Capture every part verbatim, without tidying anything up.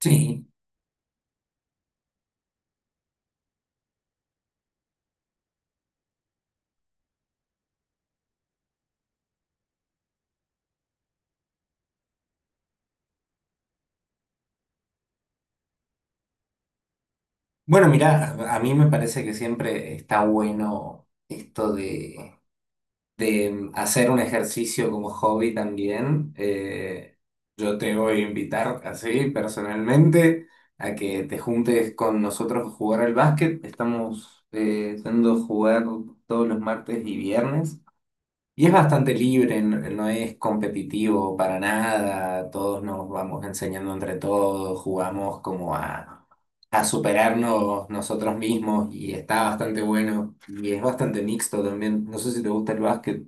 Sí, bueno, mira, a a mí me parece que siempre está bueno esto de, de hacer un ejercicio como hobby también. Eh, yo te voy a invitar así personalmente a que te juntes con nosotros a jugar al básquet. Estamos eh, yendo a jugar todos los martes y viernes. Y es bastante libre, n- no es competitivo para nada, todos nos vamos enseñando entre todos, jugamos como a, a superarnos nosotros mismos, y está bastante bueno y es bastante mixto también. No sé si te gusta el básquet.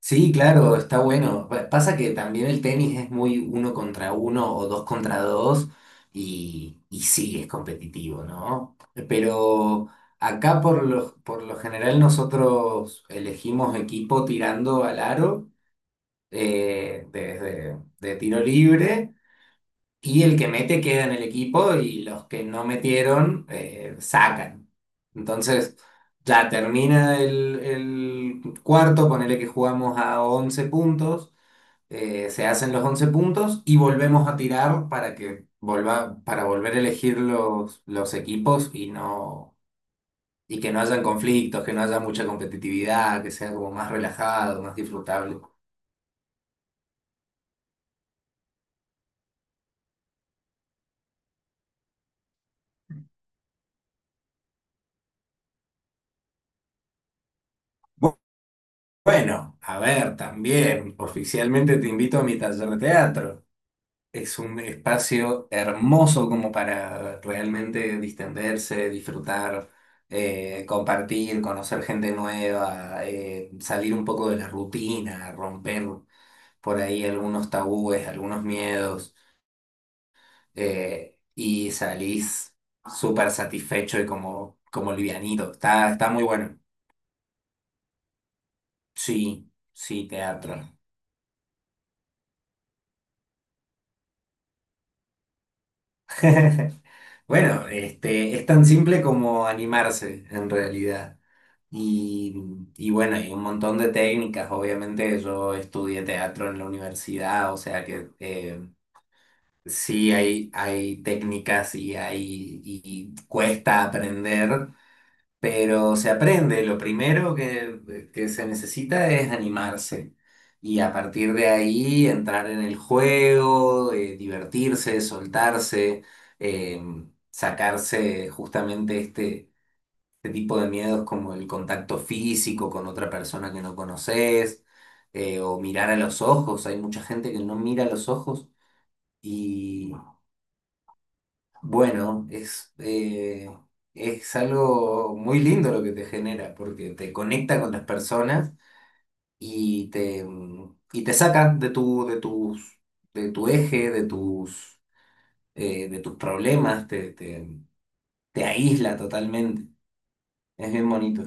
Sí, claro, está bueno. Pa- Pasa que también el tenis es muy uno contra uno o dos contra dos y, y sí, es competitivo, ¿no? Pero acá por lo, por lo general nosotros elegimos equipo tirando al aro, eh, desde de tiro libre, y el que mete queda en el equipo y los que no metieron eh, sacan. Entonces, ya termina el, el cuarto, ponele que jugamos a once puntos, eh, se hacen los once puntos y volvemos a tirar para que volva, para volver a elegir los, los equipos y no, y que no hayan conflictos, que no haya mucha competitividad, que sea como más relajado, más disfrutable. Bu- Bueno, a ver, también, oficialmente te invito a mi taller de teatro. Es un espacio hermoso como para realmente distenderse, disfrutar, eh, compartir, conocer gente nueva, eh, salir un poco de la rutina, romper por ahí algunos tabúes, algunos miedos, eh, y salís súper satisfecho y como, como livianito. Está, está muy bueno. Sí, sí, teatro. Bueno, este, es tan simple como animarse en realidad. Y, y bueno, hay un montón de técnicas. Obviamente yo estudié teatro en la universidad, o sea que eh, sí hay, hay técnicas y, hay, y cuesta aprender, pero se aprende. Lo primero que, eh, que se necesita es animarse, y a partir de ahí entrar en el juego, eh, divertirse, soltarse, eh, sacarse justamente este, este tipo de miedos, como el contacto físico con otra persona que no conoces, eh, o mirar a los ojos. Hay mucha gente que no mira a los ojos. Bueno, es, eh, es algo muy lindo lo que te genera, porque te conecta con las personas y te, mm, y te saca de tu, de tus, de tu eje, de tus, eh, de tus problemas, te, te, te aísla totalmente. Es bien bonito.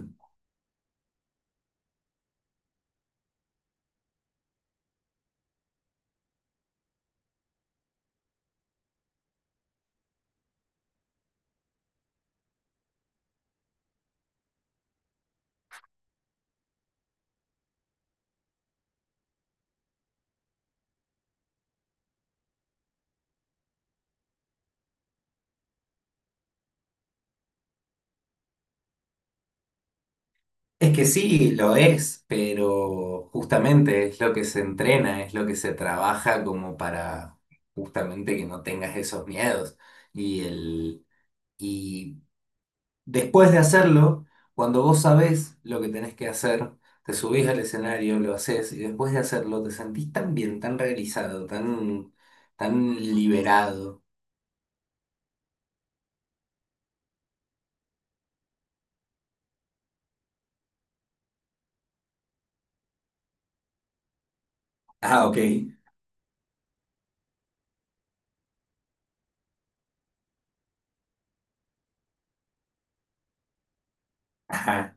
Es que sí, lo es, pero justamente es lo que se entrena, es lo que se trabaja como para justamente que no tengas esos miedos. Y el. Y Después de hacerlo, cuando vos sabés lo que tenés que hacer, te subís al escenario, lo haces, y después de hacerlo te sentís tan bien, tan realizado, tan, tan liberado. Ah, ok. Ajá.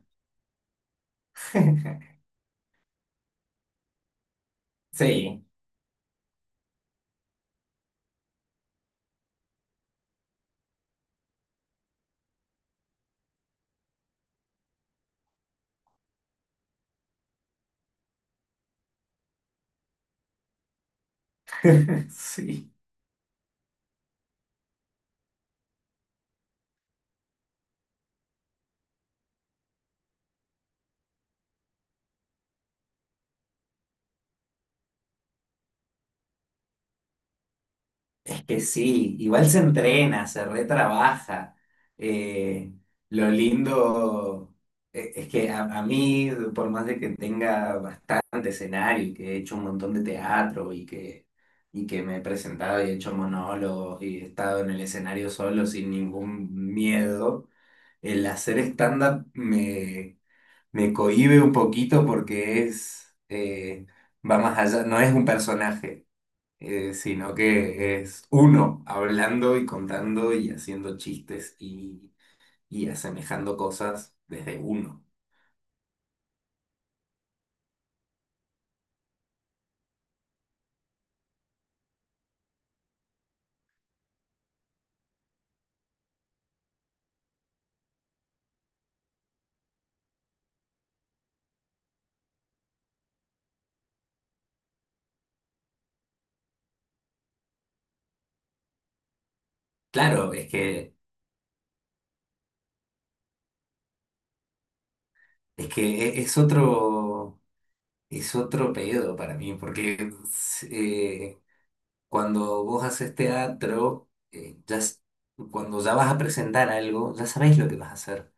Sí, sí. Es que sí, igual se entrena, se retrabaja. Eh, lo lindo e- es que a, a mí, por más de que tenga bastante escenario y que he hecho un montón de teatro y que, y que me he presentado y he hecho monólogos y he estado en el escenario solo sin ningún miedo, el hacer stand-up me, me cohíbe un poquito porque es, eh, va más allá, no es un personaje, eh, sino que es uno hablando y contando y haciendo chistes, y, y asemejando cosas desde uno. Claro, es que, es que e- es otro, es otro pedo para mí, porque eh, cuando vos haces teatro, eh, ya s- cuando ya vas a presentar algo, ya sabés lo que vas a hacer,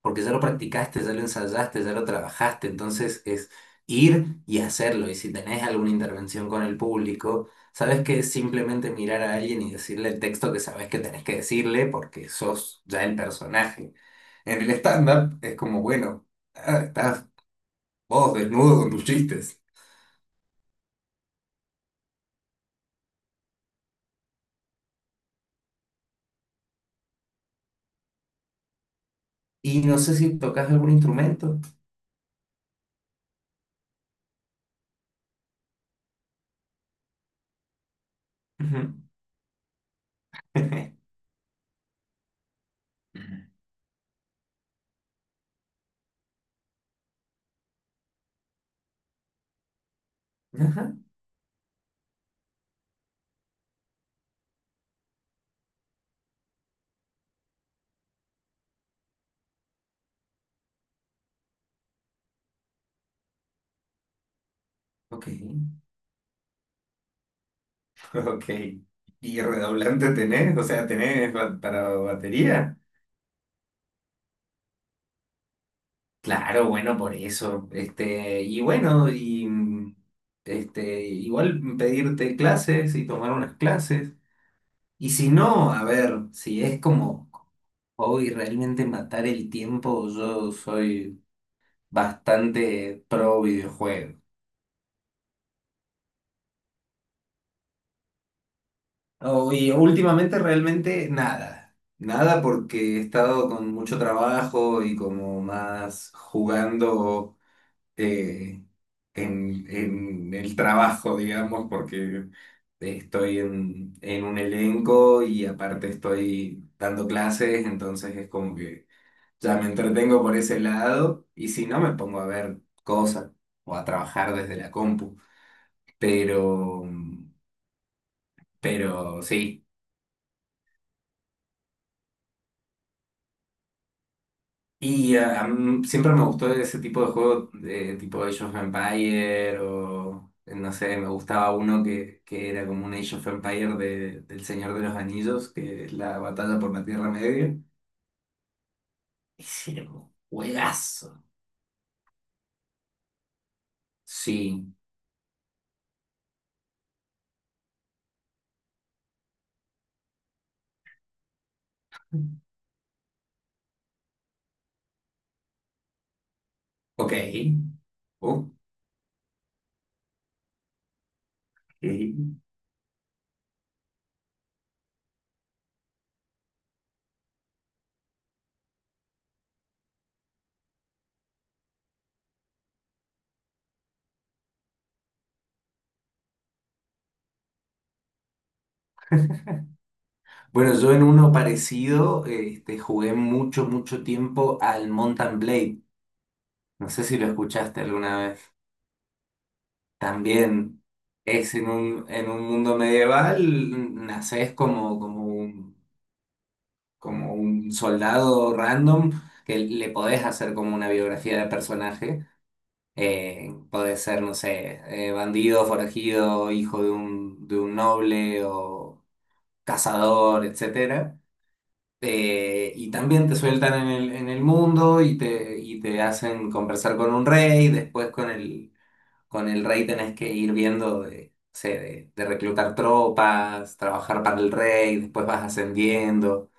porque ya lo practicaste, ya lo ensayaste, ya lo trabajaste. Entonces es ir y hacerlo. Y si tenés alguna intervención con el público, sabes que es simplemente mirar a alguien y decirle el texto que sabes que tenés que decirle porque sos ya el personaje. En el stand-up es como, bueno, ah, estás vos desnudo con tus chistes. Y no sé si tocas algún instrumento. Ujú. Ajá, ok, ok. ¿Y redoblante tenés? O sea, ¿tenés ba- para batería? Claro, bueno, por eso. Este, y bueno, y mm, este, igual pedirte clases y tomar unas clases. Y si no, a ver, si es como hoy realmente matar el tiempo, yo soy bastante pro videojuego. Oh, y últimamente realmente nada. Nada porque he estado con mucho trabajo y como más jugando eh, en, en el trabajo, digamos, porque estoy en, en un elenco y aparte estoy dando clases, entonces es como que ya me entretengo por ese lado, y si no me pongo a ver cosas o a trabajar desde la compu, pero, pero sí. Y ah, a mí siempre me gustó ese tipo de juego, de tipo Age of Empire o eh, no sé, me gustaba uno que, que era como un Age of Empire de, del Señor de los Anillos, que es la batalla por la Tierra Media. Ese era un juegazo. Sí. Ok. Ok. Bueno, yo en uno parecido eh, este, jugué mucho, mucho tiempo al Mountain Blade. No sé si lo escuchaste alguna vez. También es en un, en un mundo medieval, naces como, como un, como un soldado random que le podés hacer como una biografía de personaje. Eh, podés ser, no sé, eh, bandido, forajido, hijo de un, de un noble o cazador, etcétera. Eh, y también te sueltan en el, en el mundo, y te, y te hacen conversar con un rey, después con el con el rey tenés que ir viendo de, no sé, de, de reclutar tropas, trabajar para el rey, después vas ascendiendo.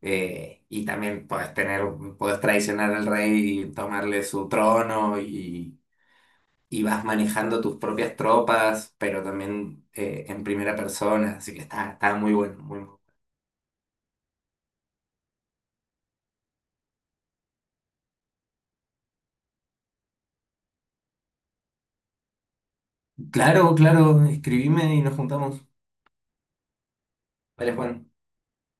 eh, Y también podés tener, podés traicionar al rey y tomarle su trono, y, y vas manejando tus propias tropas, pero también eh, en primera persona. Así que está, está muy bueno, muy bueno. Claro, claro, escribime y nos juntamos. Vale, Juan.